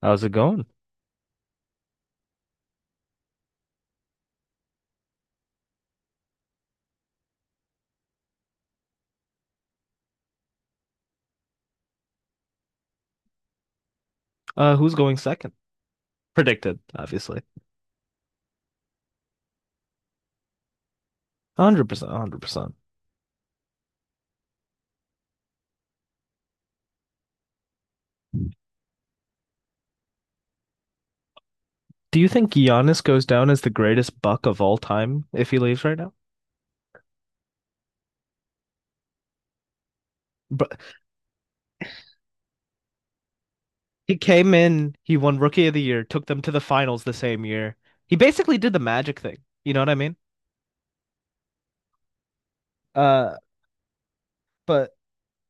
How's it going? Who's going second? Predicted, obviously. 100%, 100%. Do you think Giannis goes down as the greatest buck of all time if he leaves right now? But he came in, he won Rookie of the Year, took them to the finals the same year. He basically did the Magic thing. You know what I mean? Uh, but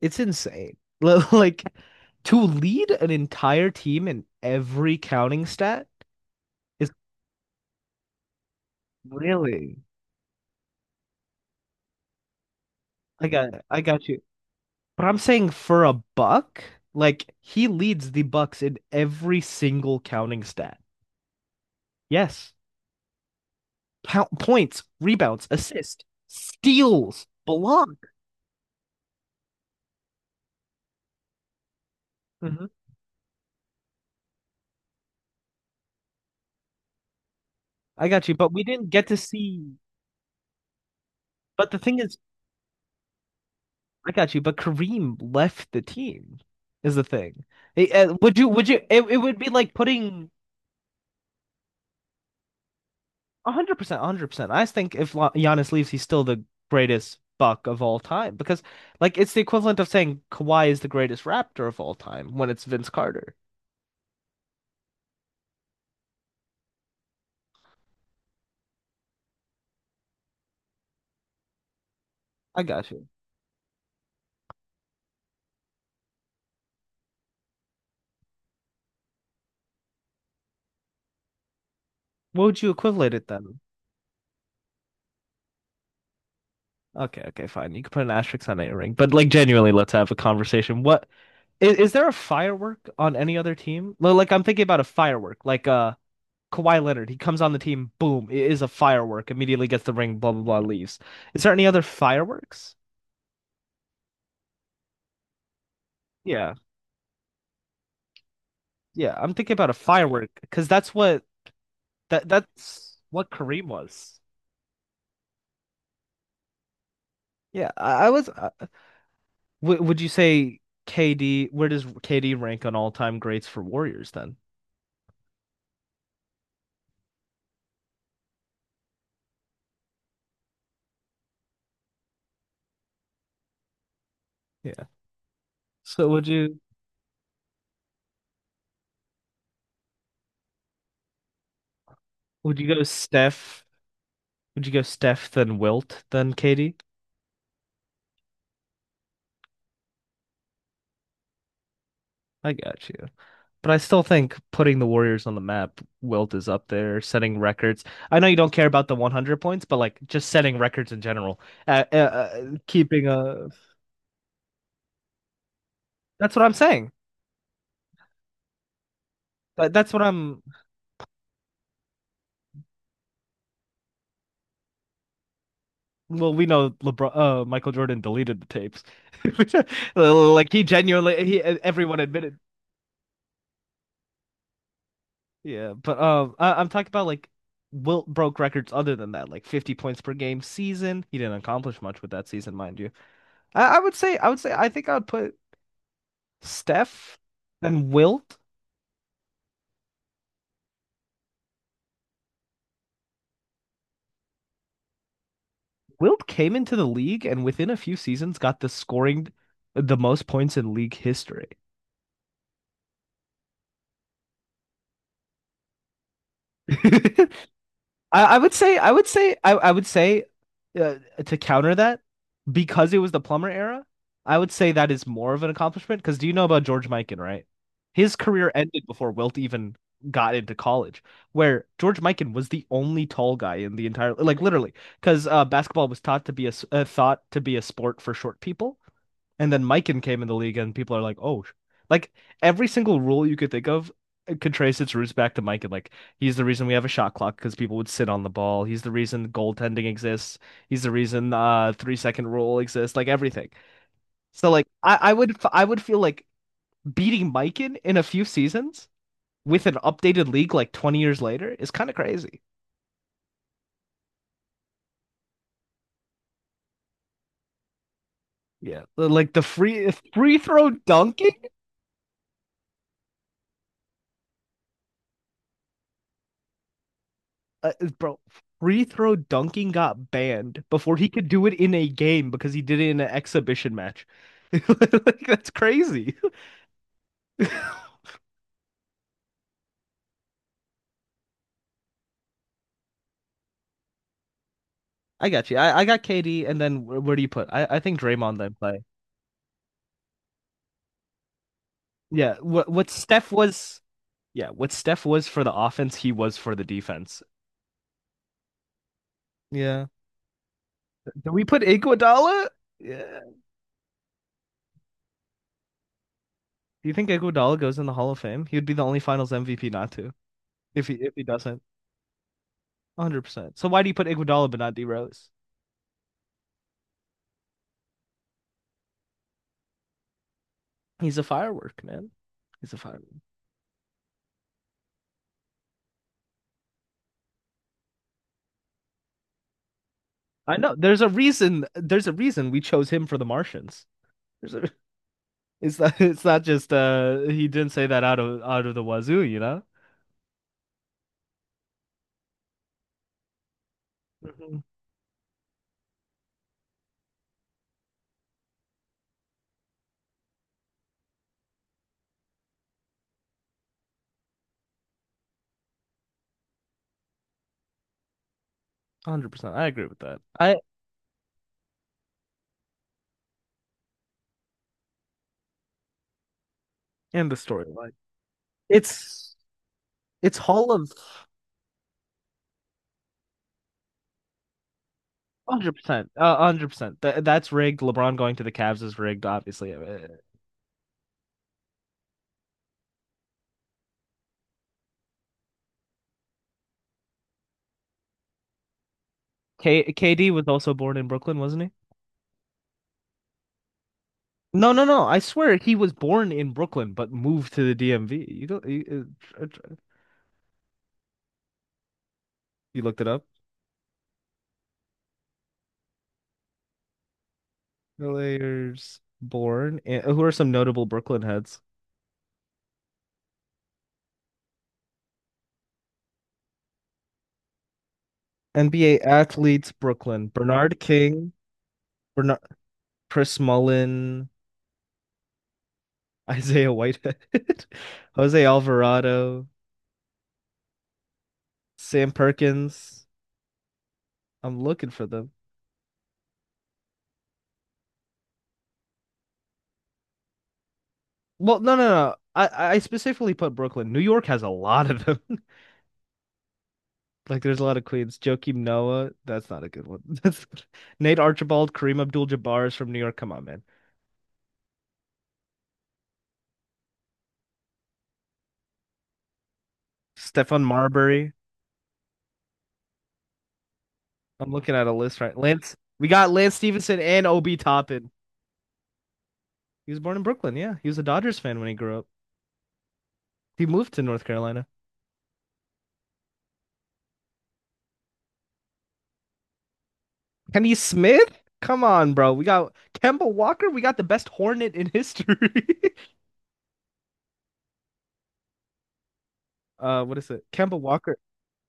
it's insane. Like to lead an entire team in every counting stat is really. I got you. But I'm saying for a buck, like he leads the Bucks in every single counting stat. Yes. Count points, rebounds, assist, steals, block. Hmm. I got you, but we didn't get to see. But the thing is, I got you, but Kareem left the team is the thing. Would you it would be like putting 100%, 100%. I think if Giannis leaves, he's still the greatest Buck of all time because, like, it's the equivalent of saying Kawhi is the greatest Raptor of all time when it's Vince Carter. I got you. What would you equivalent it then? Okay, okay, fine. You can put an asterisk on a ring, but like, genuinely, let's have a conversation. Is there a firework on any other team? Well, like, I'm thinking about a firework, like Kawhi Leonard. He comes on the team, boom, it is a firework. Immediately gets the ring, blah blah blah, leaves. Is there any other fireworks? Yeah. Yeah, I'm thinking about a firework because that's what Kareem was. Yeah, I was. W would you say KD? Where does KD rank on all-time greats for Warriors then? Yeah. So would you go Steph? Would you go Steph then Wilt then KD? I got you. But I still think putting the Warriors on the map, Wilt is up there setting records. I know you don't care about the 100 points, but like just setting records in general, keeping a. That's what I'm saying. That's what I'm. Well, we know LeBron, Michael Jordan deleted the tapes. Like he genuinely, everyone admitted. Yeah, but I'm talking about like Wilt broke records other than that, like 50 points per game season. He didn't accomplish much with that season, mind you. I think I would put Steph and Wilt. Wilt came into the league and within a few seasons got the scoring, the most points in league history. I would say I would say I would say uh, to counter that because it was the plumber era, I would say that is more of an accomplishment because do you know about George Mikan, right? His career ended before Wilt even got into college, where George Mikan was the only tall guy in the entire like literally because basketball was taught to be a thought to be a sport for short people. And then Mikan came in the league, and people are like, oh, like every single rule you could think of could trace its roots back to Mikan. Like he's the reason we have a shot clock because people would sit on the ball. He's the reason goaltending exists. He's the reason 3-second rule exists. Like everything. So like I would feel like beating Mikan in a few seasons with an updated league like 20 years later is kind of crazy. Yeah, like the free throw dunking. uh, Bro, free throw dunking got banned before he could do it in a game because he did it in an exhibition match. Like, that's crazy. I got you. I got KD, and then where, do you put? I think Draymond then play. Yeah, what Steph was. Yeah, what Steph was for the offense, he was for the defense. Yeah. Do we put Iguodala? Yeah. Do you think Iguodala goes in the Hall of Fame? He would be the only Finals MVP not to if he doesn't. 100%. So why do you put Iguodala but not D Rose? He's a firework, man. He's a firework. I know. There's a reason. There's a reason we chose him for The Martians. There's a, it's not. It's not just. He didn't say that out of the wazoo. 100%. I agree with that. I and the storyline. It's it's Hall of 100%. 100%. That's rigged. LeBron going to the Cavs is rigged. Obviously. K KD was also born in Brooklyn, wasn't he? No, no, no. I swear he was born in Brooklyn but moved to the DMV. You go. You looked it up. Players born and who are some notable Brooklyn heads? NBA athletes, Brooklyn. Bernard King, Bernard, Chris Mullin, Isaiah Whitehead, Jose Alvarado, Sam Perkins. I'm looking for them. Well, no, no, no. I specifically put Brooklyn. New York has a lot of them. Like, there's a lot of Queens. Joakim Noah. That's not a good one. That's Nate Archibald, Kareem Abdul-Jabbar is from New York. Come on, man. Stephon Marbury. I'm looking at a list right. Lance, we got Lance Stevenson and Obi Toppin. He was born in Brooklyn. Yeah, he was a Dodgers fan when he grew up. He moved to North Carolina. Kenny Smith? Come on, bro. We got Kemba Walker. We got the best Hornet in history. What is it? Kemba Walker.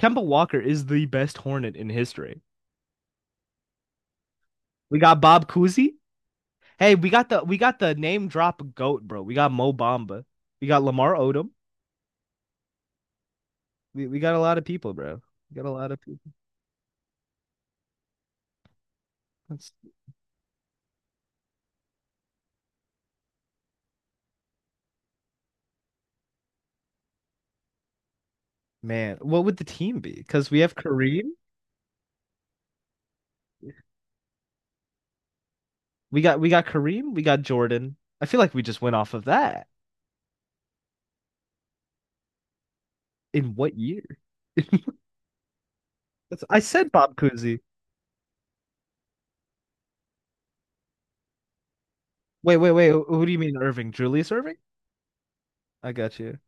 Kemba Walker is the best Hornet in history. We got Bob Cousy. Hey, we got the name drop goat, bro. We got Mo Bamba. We got Lamar Odom. We got a lot of people, bro. We got a lot of people. That's, man, what would the team be? Because we have Kareem. We got Kareem, we got Jordan. I feel like we just went off of that. In what year? That's, I said Bob Cousy. Wait, wait, wait. Who do you mean Irving? Julius Irving? I got you.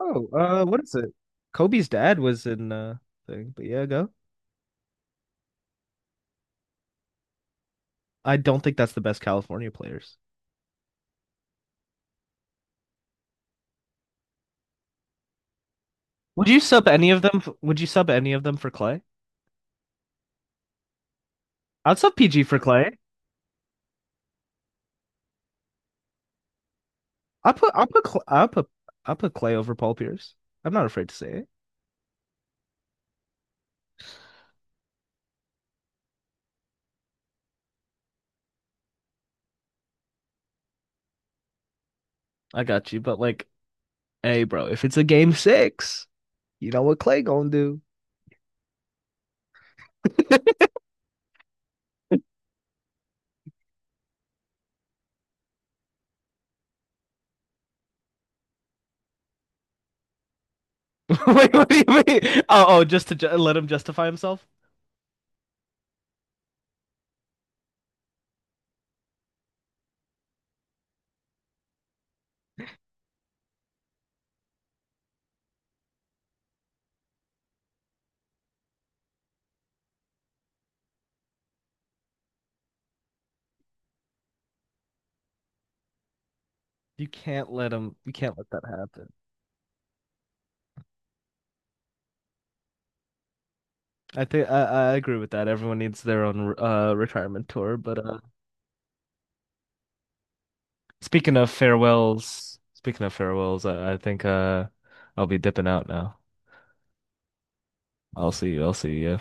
Oh, what is it? Kobe's dad was in thing, but yeah, go. I don't think that's the best California players. Would you sub any of them? Would you sub any of them for Clay? I'd sub PG for Clay. I put Cl- I put Clay over Paul Pierce. I'm not afraid to say it. I got you, but like, hey, bro, if it's a game six. You know what Clay gonna do? Wait, what do you mean? Oh, oh, just to let him justify himself? You can't let him. You can't let that happen. I think I agree with that. Everyone needs their own retirement tour. But speaking of farewells, I think I'll be dipping out now. I'll see you. I'll see you.